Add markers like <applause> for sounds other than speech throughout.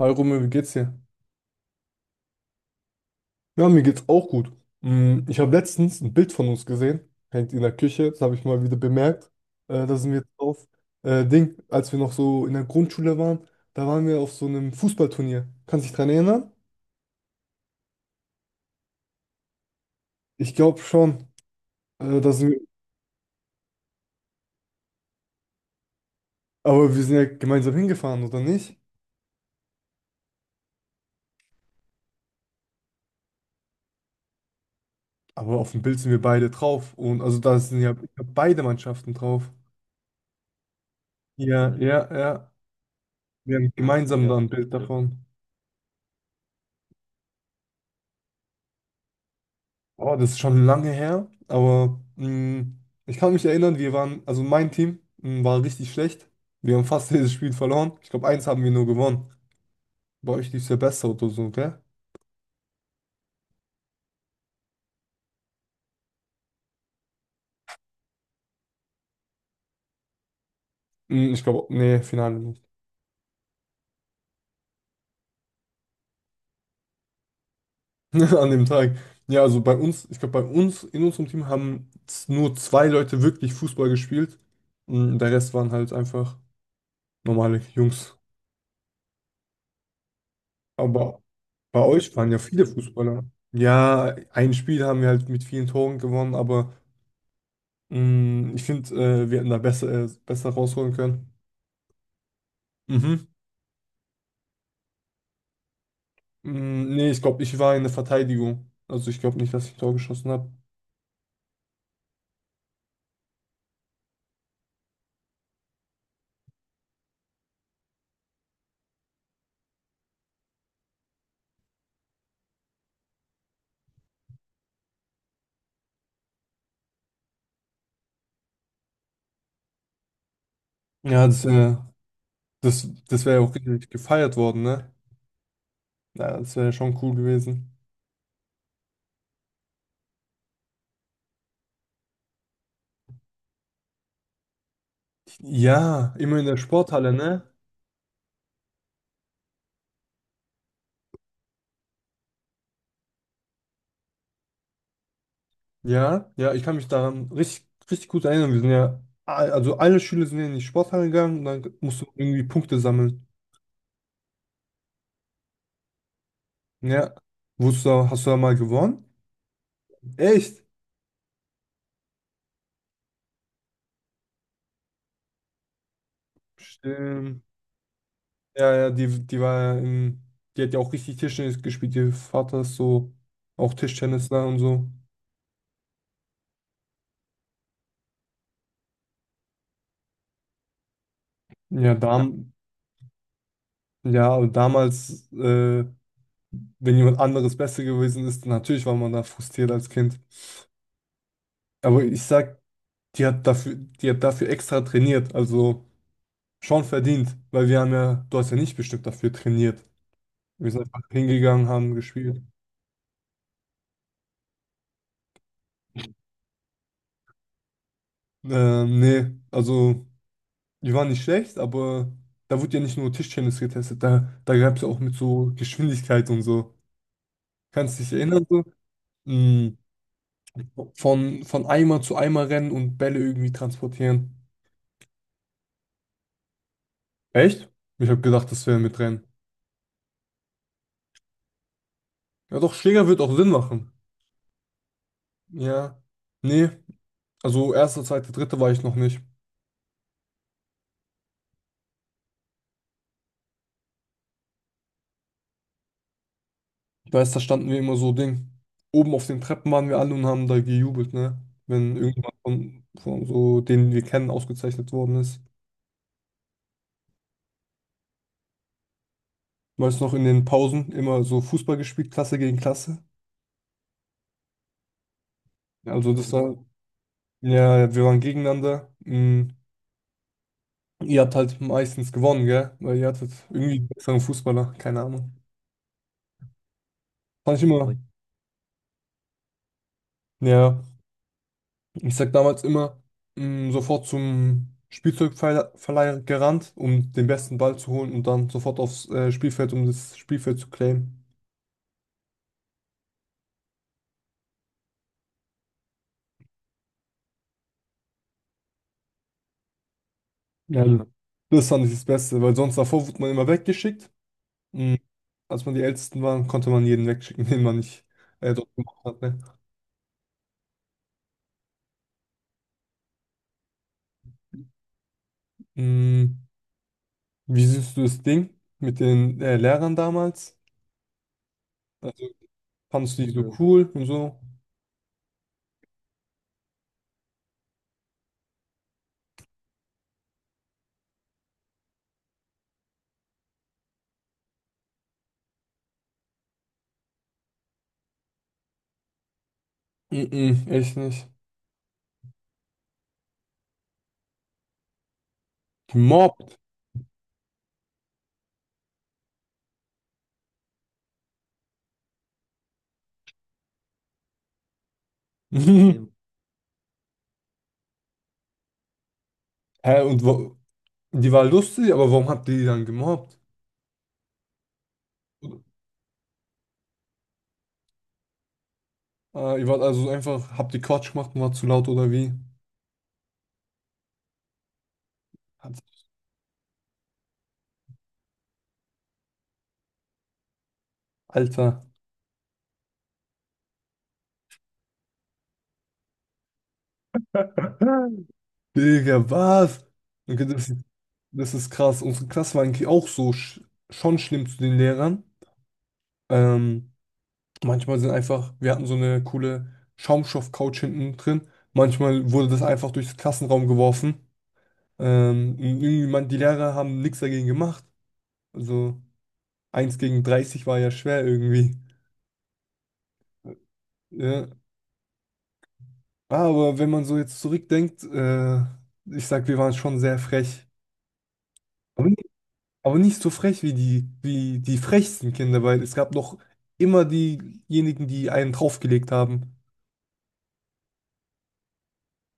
Hi Romeo, wie geht's dir? Ja, mir geht's auch gut. Ich habe letztens ein Bild von uns gesehen, hängt in der Küche, das habe ich mal wieder bemerkt. Da sind wir drauf. Ding, als wir noch so in der Grundschule waren, da waren wir auf so einem Fußballturnier. Kannst du dich dran erinnern? Ich glaube schon. Da sind wir, aber wir sind ja gemeinsam hingefahren, oder nicht? Aber auf dem Bild sind wir beide drauf. Und also da sind ja beide Mannschaften drauf. Ja, ja, ja. Wir haben gemeinsam da ein Bild davon. Oh, das ist schon lange her, aber ich kann mich erinnern, wir waren, also mein Team war richtig schlecht. Wir haben fast <laughs> jedes Spiel verloren. Ich glaube, eins haben wir nur gewonnen. Bei euch lief es ja besser oder so, gell? Mh, ich glaube, nee, Finale nicht. <laughs> An dem Tag. Ja, also bei uns, ich glaube, bei uns, in unserem Team haben nur zwei Leute wirklich Fußball gespielt. Der Rest waren halt einfach normale Jungs. Aber bei euch waren ja viele Fußballer. Ja, ein Spiel haben wir halt mit vielen Toren gewonnen, aber. Ich finde, wir hätten da besser, besser rausholen können. Mhm. Nee, ich glaube, ich war in der Verteidigung. Also ich glaube nicht, dass ich ein Tor geschossen habe. Ja, das, das wäre ja auch richtig gefeiert worden, ne? Ja, das wäre ja schon cool gewesen. Ja, immer in der Sporthalle, ne? Ja, ja, ich kann mich daran richtig, richtig gut erinnern. Wir sind ja, also alle Schüler sind ja in die Sporthalle gegangen und dann musst du irgendwie Punkte sammeln. Ja. Wusstest du, hast du da mal gewonnen? Echt? Stimmt. Ja, ja, die war ja in, die hat ja auch richtig Tischtennis gespielt. Ihr Vater ist so auch Tischtennisler und so. Ja, ja. Ja, aber damals, wenn jemand anderes besser gewesen ist, natürlich war man da frustriert als Kind. Aber ich sag, die hat dafür extra trainiert, also schon verdient, weil wir haben ja, du hast ja nicht bestimmt dafür trainiert. Wir sind einfach hingegangen, haben gespielt. Nee, also. Die waren nicht schlecht, aber da wurde ja nicht nur Tischtennis getestet, da gab es ja auch mit so Geschwindigkeit und so. Kannst du dich erinnern, so? Mm, von Eimer zu Eimer rennen und Bälle irgendwie transportieren. Echt? Ich habe gedacht, das wäre mit Rennen. Ja, doch, Schläger wird auch Sinn machen. Ja. Nee, also erste, zweite, dritte war ich noch nicht. Ich weiß, da standen wir immer so Ding. Oben auf den Treppen waren wir alle und haben da gejubelt, ne? Wenn irgendjemand von so denen wir kennen ausgezeichnet worden ist. Meist noch in den Pausen immer so Fußball gespielt, Klasse gegen Klasse. Also das mhm war, ja, wir waren gegeneinander. Ihr habt halt meistens gewonnen, gell? Weil ihr hattet irgendwie einen mhm besseren Fußballer, keine Ahnung. Fand ich immer, ja, ich sag damals immer, sofort zum Spielzeugverleih gerannt, um den besten Ball zu holen und dann sofort aufs Spielfeld, um das Spielfeld zu claimen. Ja, mhm, das fand ich das Beste, weil sonst davor wurde man immer weggeschickt. Mm, Als man die Ältesten war, konnte man jeden wegschicken, den man nicht dort gemacht hat. Ne? Mm, Wie siehst du das Ding mit den Lehrern damals? Also, fandest du die so ja cool und so? Mm-mm, echt nicht. Gemobbt. <laughs> Hä, und wo, die war lustig, aber warum habt ihr die dann gemobbt? Ihr wart also einfach, habt ihr Quatsch gemacht und war zu laut oder wie? Hat- Alter. <laughs> Digga, was? Okay, das, das ist krass. Unsere Klasse war eigentlich auch so schon schlimm zu den Lehrern. Ähm, manchmal sind einfach, wir hatten so eine coole Schaumstoff-Couch hinten drin. Manchmal wurde das einfach durchs Klassenraum geworfen. Und irgendwie, man, die Lehrer haben nichts dagegen gemacht. Also eins gegen 30 war ja schwer irgendwie. Ja. Aber wenn man so jetzt zurückdenkt, ich sag, wir waren schon sehr frech. Aber, ni- aber nicht so frech wie wie die frechsten Kinder, weil es gab noch immer diejenigen, die einen draufgelegt haben.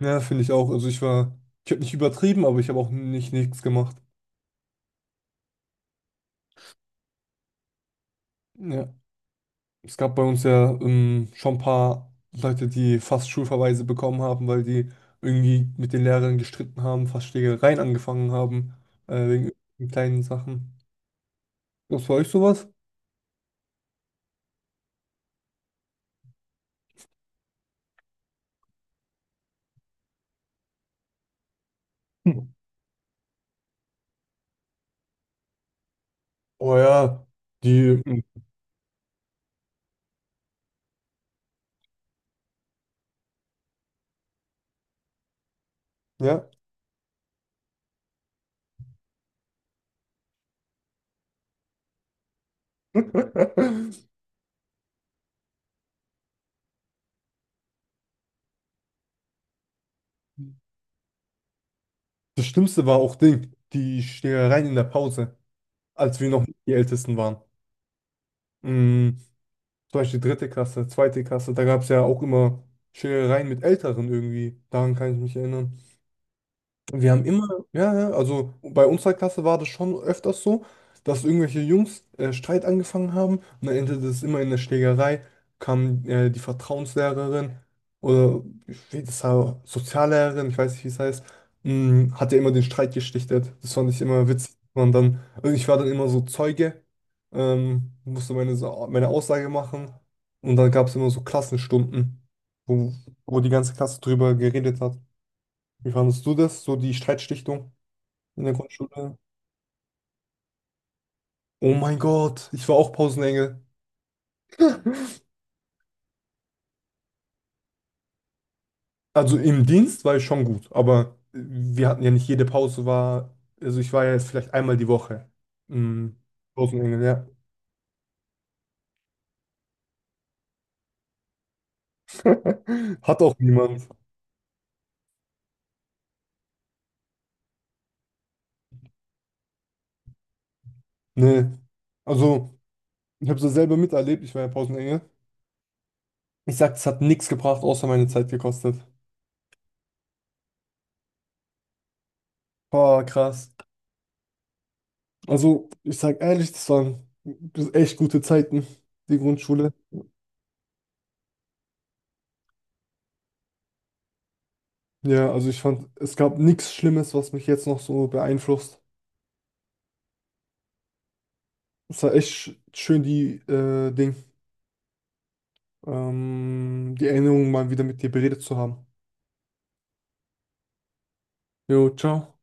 Ja, finde ich auch. Also ich war, ich habe nicht übertrieben, aber ich habe auch nicht nichts gemacht. Ja. Es gab bei uns ja schon ein paar Leute, die fast Schulverweise bekommen haben, weil die irgendwie mit den Lehrern gestritten haben, fast Schlägereien angefangen haben, wegen irgendwelchen kleinen Sachen. Was bei euch sowas? Hm. Oh ja, die, hm, ja. <laughs> Das Schlimmste war auch Ding, die Schlägereien in der Pause, als wir noch nicht die Ältesten waren. Mm, Zum Beispiel dritte Klasse, zweite Klasse, da gab es ja auch immer Schlägereien mit Älteren irgendwie. Daran kann ich mich erinnern. Wir haben immer, ja, ja, also bei unserer Klasse war das schon öfters so, dass irgendwelche Jungs Streit angefangen haben und dann endete es immer in der Schlägerei, kam die Vertrauenslehrerin oder ich weiß, das war Soziallehrerin, ich weiß nicht, wie es heißt, hat ja immer den Streit geschlichtet. Das fand ich immer witzig. Und dann, also ich war dann immer so Zeuge, musste meine Aussage machen und dann gab es immer so Klassenstunden, wo, wo die ganze Klasse drüber geredet hat. Wie fandest du das, so die Streitschlichtung in der Grundschule? Oh mein Gott, ich war auch Pausenengel. Also im Dienst war ich schon gut, aber wir hatten ja nicht jede Pause war, also ich war ja jetzt vielleicht einmal die Woche. Mhm. Pausenengel, ja. <laughs> Hat auch niemand. Nee. Also, ich habe es selber miterlebt, ich war ja Pausenengel. Ich sag, es hat nichts gebracht, außer meine Zeit gekostet. Boah, krass. Also, ich sag ehrlich, das waren echt gute Zeiten, die Grundschule. Ja, also ich fand, es gab nichts Schlimmes, was mich jetzt noch so beeinflusst. Es war echt schön, die Ding, die Erinnerungen mal wieder mit dir beredet zu haben. Jo, ciao.